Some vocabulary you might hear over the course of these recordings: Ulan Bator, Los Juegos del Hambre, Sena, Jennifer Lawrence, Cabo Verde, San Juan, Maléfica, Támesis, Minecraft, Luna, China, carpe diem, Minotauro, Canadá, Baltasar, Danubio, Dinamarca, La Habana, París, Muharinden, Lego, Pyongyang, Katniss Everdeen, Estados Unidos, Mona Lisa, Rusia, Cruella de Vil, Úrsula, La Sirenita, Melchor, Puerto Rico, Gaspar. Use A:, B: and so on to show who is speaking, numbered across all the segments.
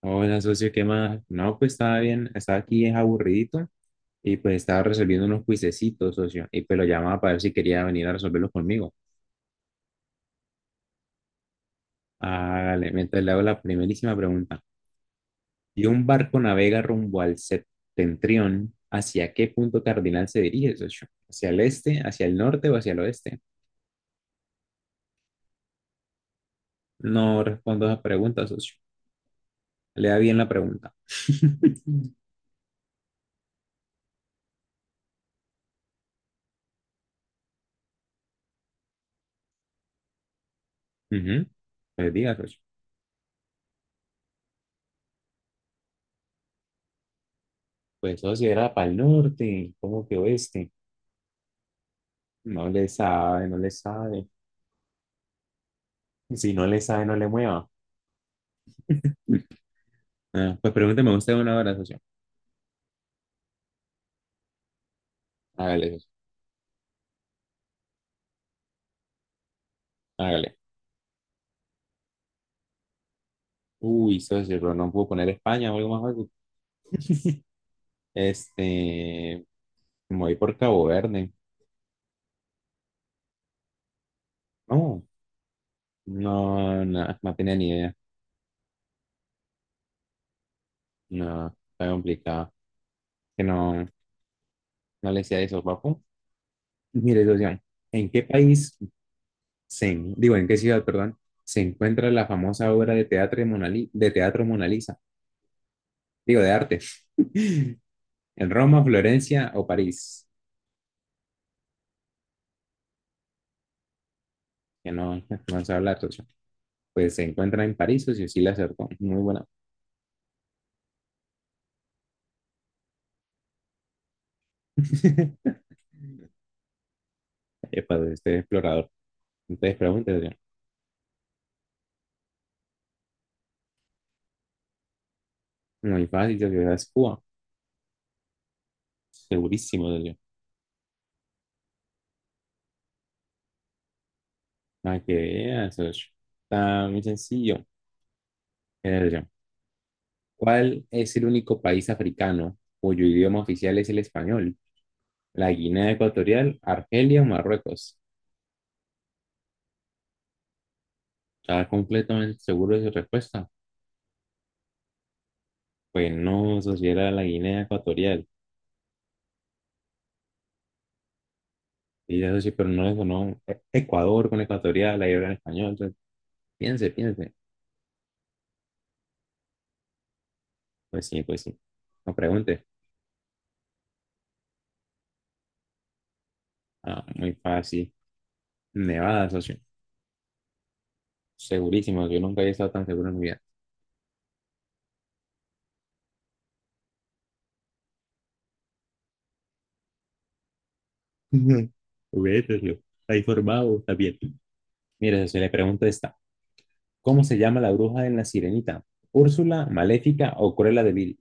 A: Hola, socio, ¿qué más? No, pues estaba bien, estaba aquí es aburridito y pues estaba resolviendo unos cuisecitos, socio, y pues lo llamaba para ver si quería venir a resolverlos conmigo. Hágale, mientras le hago la primerísima pregunta. ¿Y un barco navega rumbo al septentrión? ¿Hacia qué punto cardinal se dirige, socio? ¿Hacia el este, hacia el norte o hacia el oeste? No respondo a esa pregunta, socio. Lea bien la pregunta. Ujú. Pues diga, socio. Pues socio, era para el norte, ¿cómo que oeste? No le sabe, no le sabe. Si no le sabe, no le mueva. Ah, pues pregúnteme usted una hora, socio. Hágale, socio. Hágale. Uy, socio, pero no puedo poner España o algo más fácil. Este, me voy por Cabo Verde. No, no, no, no tenía ni idea. No, está complicado. Que no, no le decía eso, papu. Mire, socio, ¿en qué país se, digo, en qué ciudad, perdón, se encuentra la famosa obra de teatro de de teatro Mona Lisa? Digo, de arte. En Roma, Florencia o París, que no, no vamos a hablar, socio. Pues se encuentra en París, socio, sí la acertó. Muy buena. Epa, de este explorador. Entonces, pregúntese, muy fácil, socio, es Cuba. Segurísimo, socio. Para que veas, socio. Está muy sencillo. Mire, ¿cuál es el único país africano cuyo idioma oficial es el español? ¿La Guinea Ecuatorial, Argelia o Marruecos? ¿Está completamente seguro de su respuesta? Pues no, socio, era la Guinea Ecuatorial. Y eso sí, pero no le sonó Ecuador con ecuatorial, ahí hablan español. Entonces, piense. Pues sí, pues sí. No pregunte. Ah, muy fácil. Nevada, socio. Segurísimo, yo nunca había estado tan seguro en mi vida. Vete socio. Está informado, está bien. Mire, socio, le pregunto esta. ¿Cómo se llama la bruja en La Sirenita? ¿Úrsula, Maléfica o Cruella de Vil?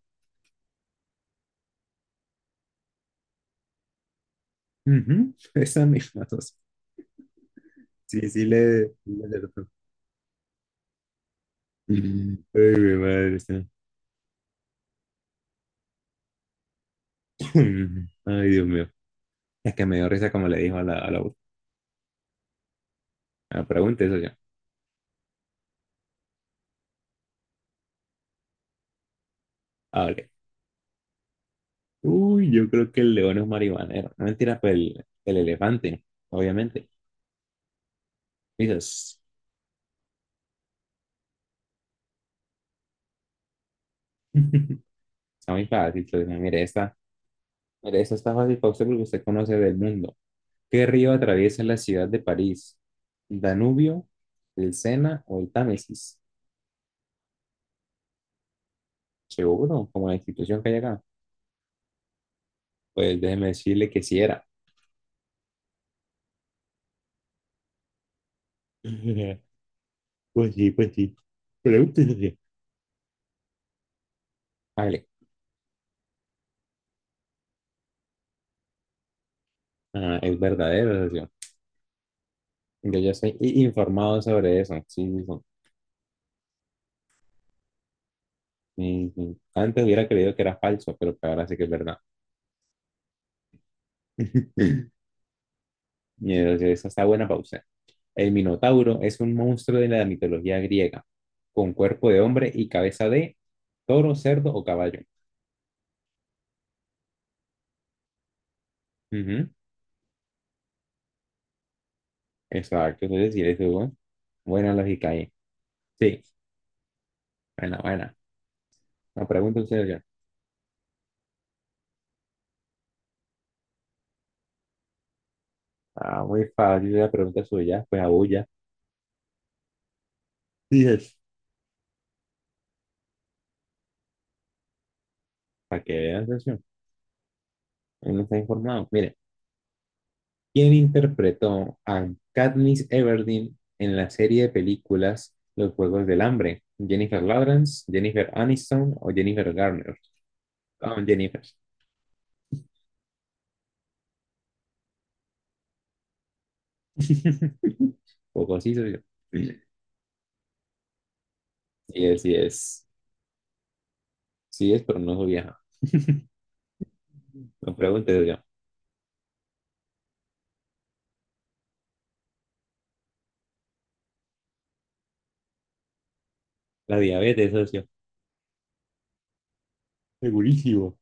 A: Ujú, esa misma, socio. Sí, sí, le... le acertó. Ay, mi madre. Socio. Ay, Dios mío. Es que me dio risa como le dijo a la. Ah, pregunta eso yo. Ah, vale. Uy, yo creo que el león es marihuanero. No mentira, pero el elefante, obviamente. Dices, está muy fácil. Pues, no, mire, esta está fácil para usted porque usted conoce del mundo. ¿Qué río atraviesa la ciudad de París? ¿Danubio, el Sena o el Támesis? Seguro, como la institución que hay acá. Pues déjeme decirle que sí era. Pues sí, pues sí. Pregúntese. Socio. Vale. Ah, es verdadero, socio. Yo ya estoy informado sobre eso. Sí, sí, sí. Ujú. Antes hubiera creído que era falso, pero pues ahora sí que es verdad. Mira, esa está buena pausa. El Minotauro es un monstruo de la mitología griega, con cuerpo de hombre y cabeza de toro, cerdo o caballo. Ujú. Exacto, eso es decir, eso, ¿no? Buena lógica ahí. Sí, buena, buena. La pregunta usted ya. Ah, muy fácil la pregunta suya, pues abulla. Dices. Para que veas eso. Él no está informado. Mire. Quien interpretó a Katniss Everdeen en la serie de películas Los Juegos del Hambre? ¿Jennifer Lawrence, Jennifer Aniston o Jennifer Garner? Ah, oh, Jennifer. Poco así soy yo. Sí es, sí es. Sí es, pero no soy vieja. No preguntes yo. La diabetes, socio. Segurísimo.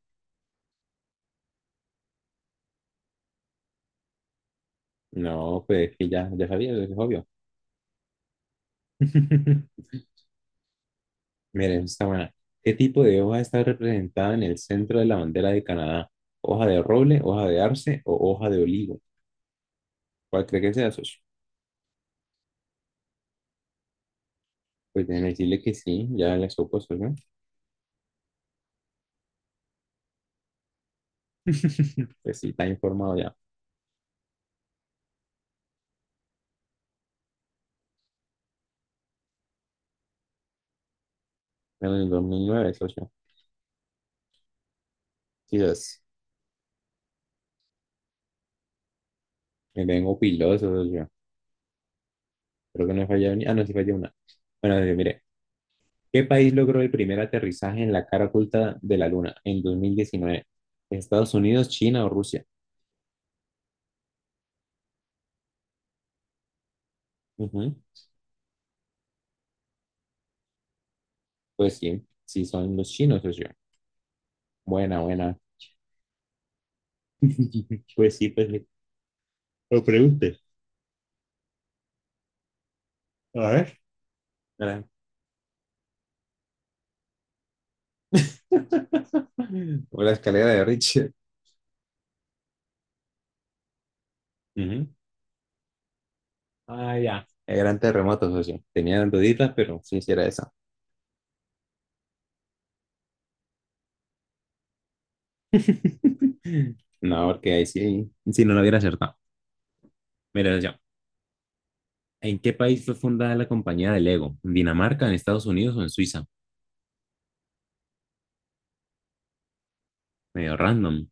A: No, pues que ya, ya sabía, es obvio. Miren, está buena. ¿Qué tipo de hoja está representada en el centro de la bandera de Canadá? ¿Hoja de roble, hoja de arce o hoja de olivo? ¿Cuál cree que sea, socio? Pues déjeme decirle que sí, ya le supo, socio. Pues sí, está informado ya. Pero en el 2009, socio. Sí, dos. Me vengo piloso, socio. Creo que no he fallado ni... Ah, no, sí fallé una. Bueno, socio, mire. ¿Qué país logró el primer aterrizaje en la cara oculta de la Luna en 2019? ¿Estados Unidos, China o Rusia? Ujú. Pues sí, sí son los chinos, socio. Buena, buena. Pues sí, pues sí. Lo pregunte. A ver. Hola, la escalera de Richard. Ah, ya. El gran terremoto, socio. Tenía duditas, pero sí, sí era esa. No, porque ahí sí, sí no lo hubiera acertado. Mira, socio, ¿en qué país fue fundada la compañía de Lego? ¿En Dinamarca, en Estados Unidos o en Suiza? Medio random.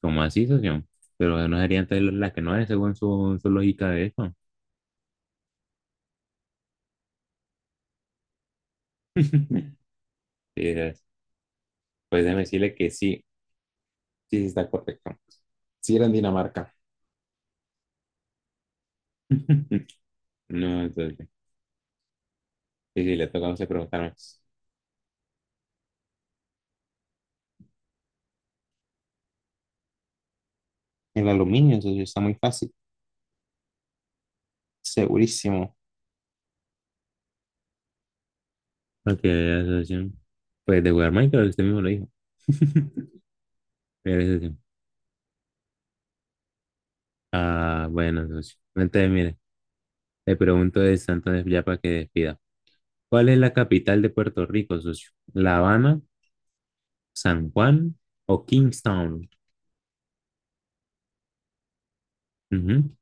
A: ¿Cómo así, socio? Pero no sería entonces la que no es, según su lógica de eso. Sí, es- pues déjeme decirle que sí, sí sí está correcto. Sí era en Dinamarca. No, entonces, sí, sí, le toca a usted preguntarme. El aluminio, socio, está muy fácil. Segurísimo. Ok, la asociación. Pues de jugar Minecraft, usted mismo lo dijo. Mira, socio. Ah, bueno, socio. Entonces, mire, le pregunto de Santo ya para que despida. ¿Cuál es la capital de Puerto Rico, socio? ¿La Habana, San Juan o Kingstown? Ujú.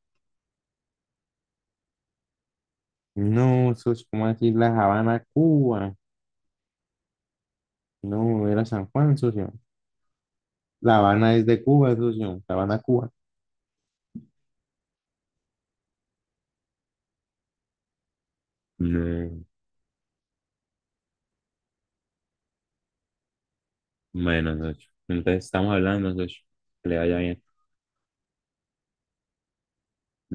A: No, socio, ¿cómo decir La Habana, Cuba? No, era San Juan, socio. La Habana es de Cuba, socio. La Habana, Cuba. No, bueno, socio. Entonces estamos hablando, socio. Que le vaya bien.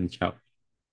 A: Chao.